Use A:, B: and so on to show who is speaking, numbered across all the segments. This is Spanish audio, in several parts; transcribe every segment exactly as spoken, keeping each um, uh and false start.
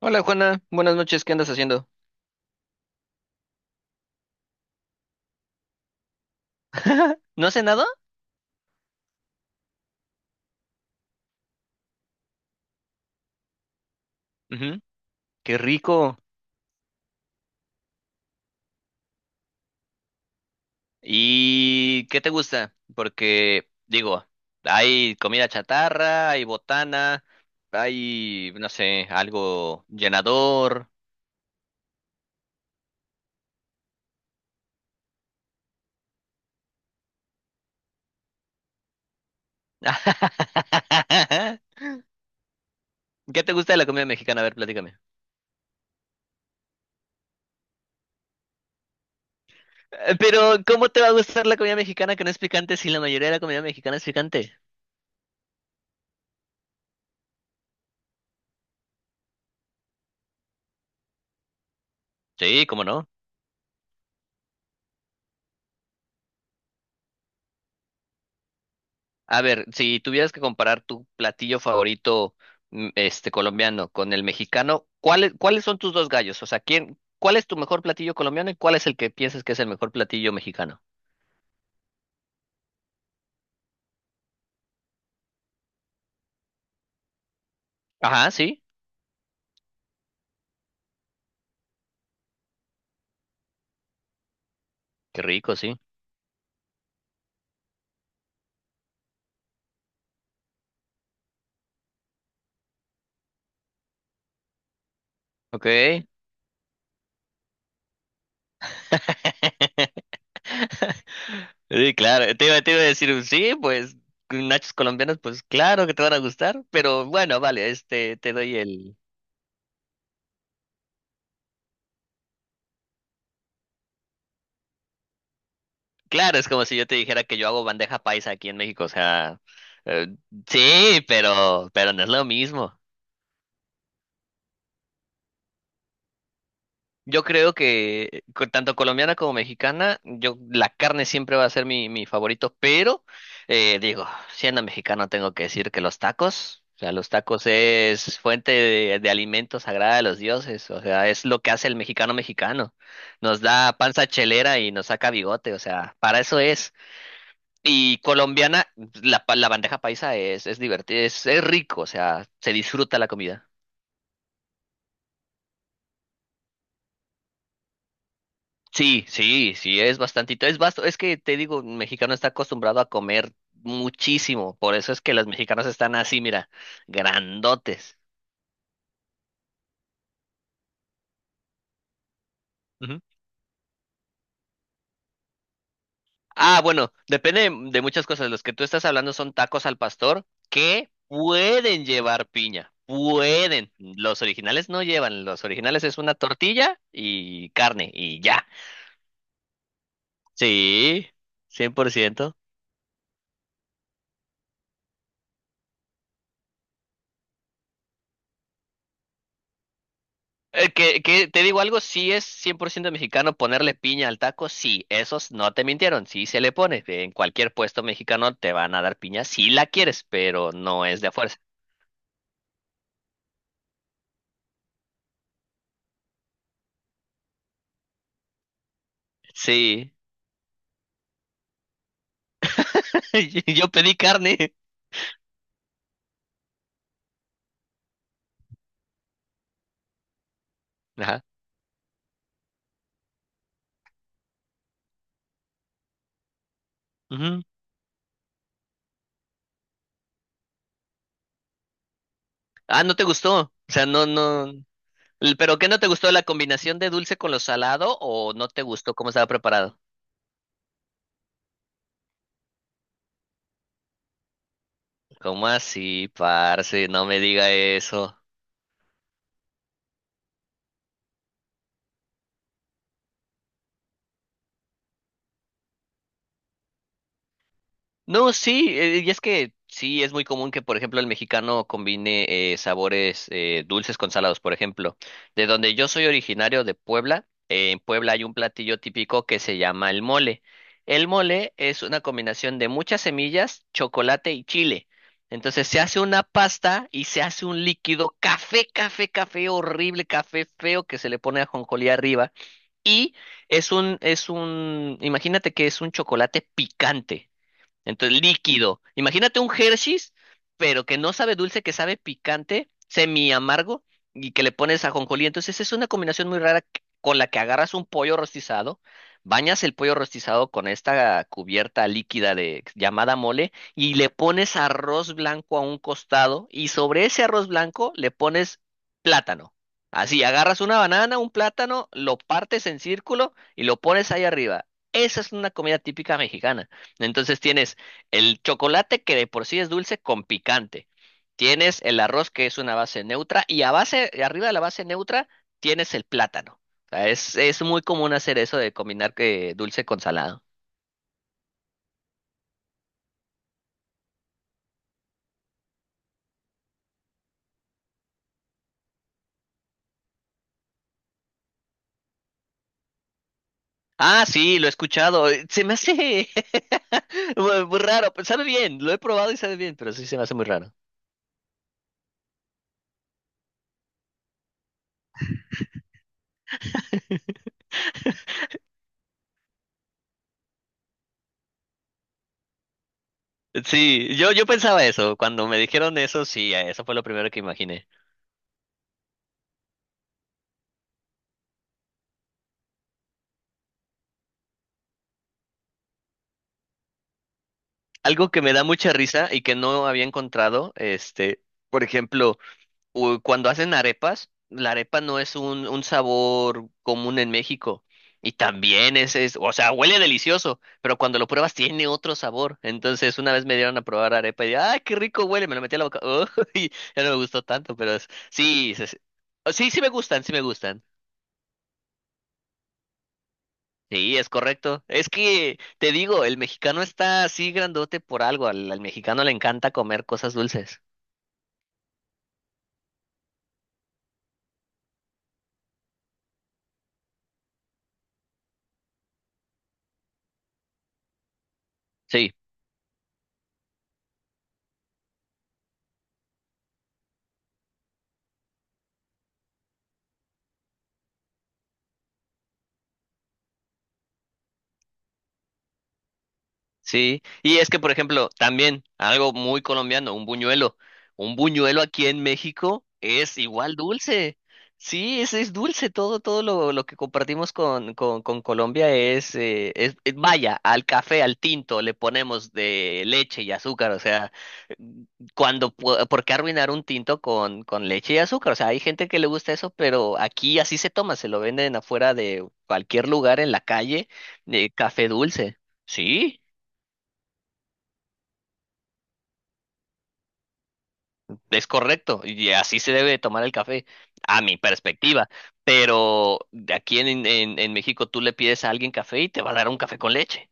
A: Hola Juana, buenas noches, ¿qué andas haciendo? ¿No has cenado? Ujú. Qué rico. ¿Y qué te gusta? Porque, digo, hay comida chatarra, hay botana, hay, no sé, algo llenador. ¿Qué te gusta de la comida mexicana? A ver, platícame. Eh, Pero, ¿cómo te va a gustar la comida mexicana que no es picante si la mayoría de la comida mexicana es picante? Sí, ¿cómo no? A ver, si tuvieras que comparar tu platillo favorito, mm, este, colombiano con el mexicano, ¿cuáles, cuáles son tus dos gallos? O sea, ¿quién, cuál es tu mejor platillo colombiano y cuál es el que piensas que es el mejor platillo mexicano? Ajá, sí. Qué rico, sí. Ok. Sí, claro, te iba, te iba a decir, sí, pues nachos colombianos, pues claro que te van a gustar, pero bueno, vale, este, te doy el... Claro, es como si yo te dijera que yo hago bandeja paisa aquí en México, o sea, eh, sí, pero, pero no es lo mismo. Yo creo que co- tanto colombiana como mexicana, yo la carne siempre va a ser mi, mi favorito, pero eh, digo, siendo mexicano tengo que decir que los tacos, o sea, los tacos es fuente de, de alimento sagrada de los dioses, o sea, es lo que hace el mexicano mexicano. Nos da panza chelera y nos saca bigote, o sea, para eso es. Y colombiana, la, pa- la bandeja paisa es, es divertida, es, es rico, o sea, se disfruta la comida. Sí, sí, sí, es bastantito. Es vasto, es que te digo, un mexicano está acostumbrado a comer muchísimo, por eso es que los mexicanos están así, mira, grandotes. Ujú. Ah, bueno, depende de, de muchas cosas. Los que tú estás hablando son tacos al pastor que pueden llevar piña, pueden. Los originales no llevan, los originales es una tortilla y carne y ya. Sí, cien por ciento. Eh, que, que te digo algo, sí es cien por ciento mexicano ponerle piña al taco, sí, esos no te mintieron, sí se le pone. En cualquier puesto mexicano te van a dar piña si la quieres, pero no es de a fuerza. Sí, yo pedí carne. Ajá. Ujú. Ah, ¿no te gustó? O sea, no, no. L- ¿Pero qué no te gustó? ¿La combinación de dulce con lo salado o no te gustó cómo estaba preparado? ¿Cómo así, parce? No me diga eso. No, sí, eh, y es que sí, es muy común que, por ejemplo, el mexicano combine eh, sabores eh, dulces con salados. Por ejemplo, de donde yo soy originario de Puebla, eh, en Puebla hay un platillo típico que se llama el mole. El mole es una combinación de muchas semillas, chocolate y chile. Entonces se hace una pasta y se hace un líquido café, café, café, horrible, café feo que se le pone ajonjolí arriba. Y es un, es un, imagínate que es un chocolate picante. Entonces, líquido. Imagínate un Hershey's, pero que no sabe dulce, que sabe picante, semi amargo, y que le pones ajonjolí. Entonces, es una combinación muy rara que... con la que agarras un pollo rostizado, bañas el pollo rostizado con esta cubierta líquida de llamada mole y le pones arroz blanco a un costado y sobre ese arroz blanco le pones plátano. Así, agarras una banana, un plátano, lo partes en círculo y lo pones ahí arriba. Esa es una comida típica mexicana. Entonces tienes el chocolate que de por sí es dulce con picante. Tienes el arroz que es una base neutra y a base, arriba de la base neutra tienes el plátano. O sea, es, es muy común hacer eso de combinar que dulce con salado. Ah, sí, lo he escuchado. eh, Se me hace muy muy raro. pues, Sabe bien, lo he probado y sabe bien, pero sí se me hace muy raro. Sí, yo, yo pensaba eso. Cuando me dijeron eso, sí, eh, eso fue lo primero que imaginé. Algo que me da mucha risa y que no había encontrado, este, por ejemplo. U- cuando hacen arepas, la arepa no es un, un sabor común en México. Y también es, es, o sea, huele delicioso, pero cuando lo pruebas tiene otro sabor. Entonces, una vez me dieron a probar arepa y dije, ¡ay, qué rico huele! Me lo metí a la boca. ¡Oh! Y ya no me gustó tanto, pero es- sí, se- se- oh, sí, sí me gustan, sí me gustan. Sí, es correcto. Es que, te digo, el mexicano está así grandote por algo. Al, al mexicano le encanta comer cosas dulces. Sí. Sí, y es que, por ejemplo, también algo muy colombiano, un buñuelo. Un buñuelo aquí en México es igual dulce. Sí, es, es dulce. Todo, todo lo, lo que compartimos con, con, con Colombia es, eh, es, es- vaya, al café, al tinto, le ponemos de leche y azúcar. O sea, cuando, pu- ¿por qué arruinar un tinto con, con leche y azúcar? O sea, hay gente que le gusta eso, pero aquí así se toma, se lo venden afuera de cualquier lugar en la calle, de café dulce. Sí. Es correcto, y así se debe de tomar el café, a mi perspectiva. Pero de aquí en, en, en México tú le pides a alguien café y te va a dar un café con leche.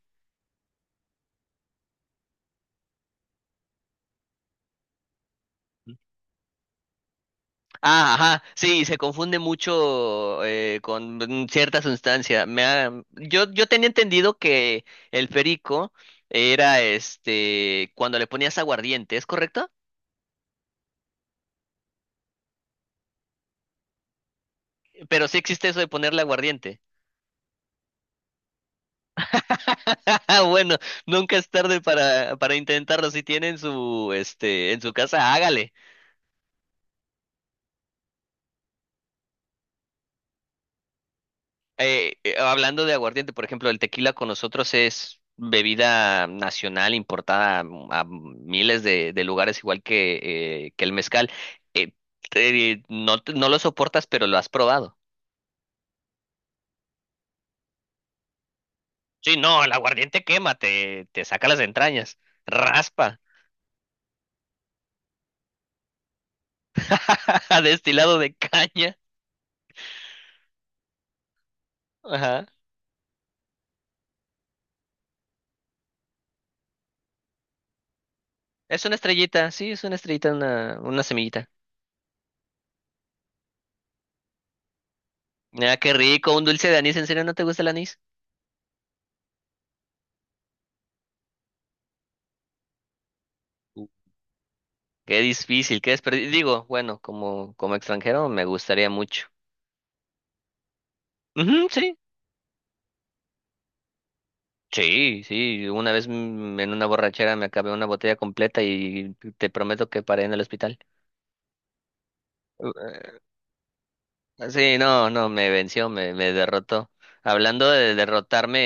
A: Ah, ajá, sí, se confunde mucho eh, con cierta sustancia. Me ha- yo, yo tenía entendido que el perico era este cuando le ponías aguardiente, ¿es correcto? Pero sí existe eso de ponerle aguardiente. Bueno, nunca es tarde para, para intentarlo. Si tiene en su, este, en su casa, hágale. Eh, eh, hablando de aguardiente, por ejemplo, el tequila con nosotros es bebida nacional importada a, a miles de, de lugares, igual que, eh, que el mezcal. Eh, te- no, te- no lo soportas, pero lo has probado. Sí, no, el aguardiente quema, te, te saca las entrañas, raspa, destilado de caña. Ajá. Es una estrellita, sí, es una estrellita, una, una semillita. Ah, qué rico, un dulce de anís, ¿en serio no te gusta el anís? Qué difícil, qué desperdicio. Digo, bueno, como, como extranjero me gustaría mucho. Ujú, sí, sí, sí. Una vez mm, en una borrachera me acabé una botella completa y te prometo que paré en el hospital. Sí, no, no, me venció, me, me derrotó. Hablando de derrotarme,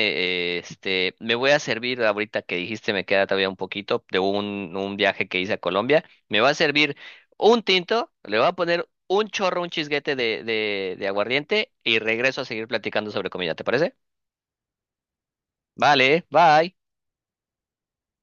A: eh, este, me voy a servir ahorita que dijiste, me queda todavía un poquito de un, un viaje que hice a Colombia. Me va a servir un tinto, le voy a poner un chorro, un chisguete de, de, de aguardiente y regreso a seguir platicando sobre comida, ¿te parece? Vale, bye.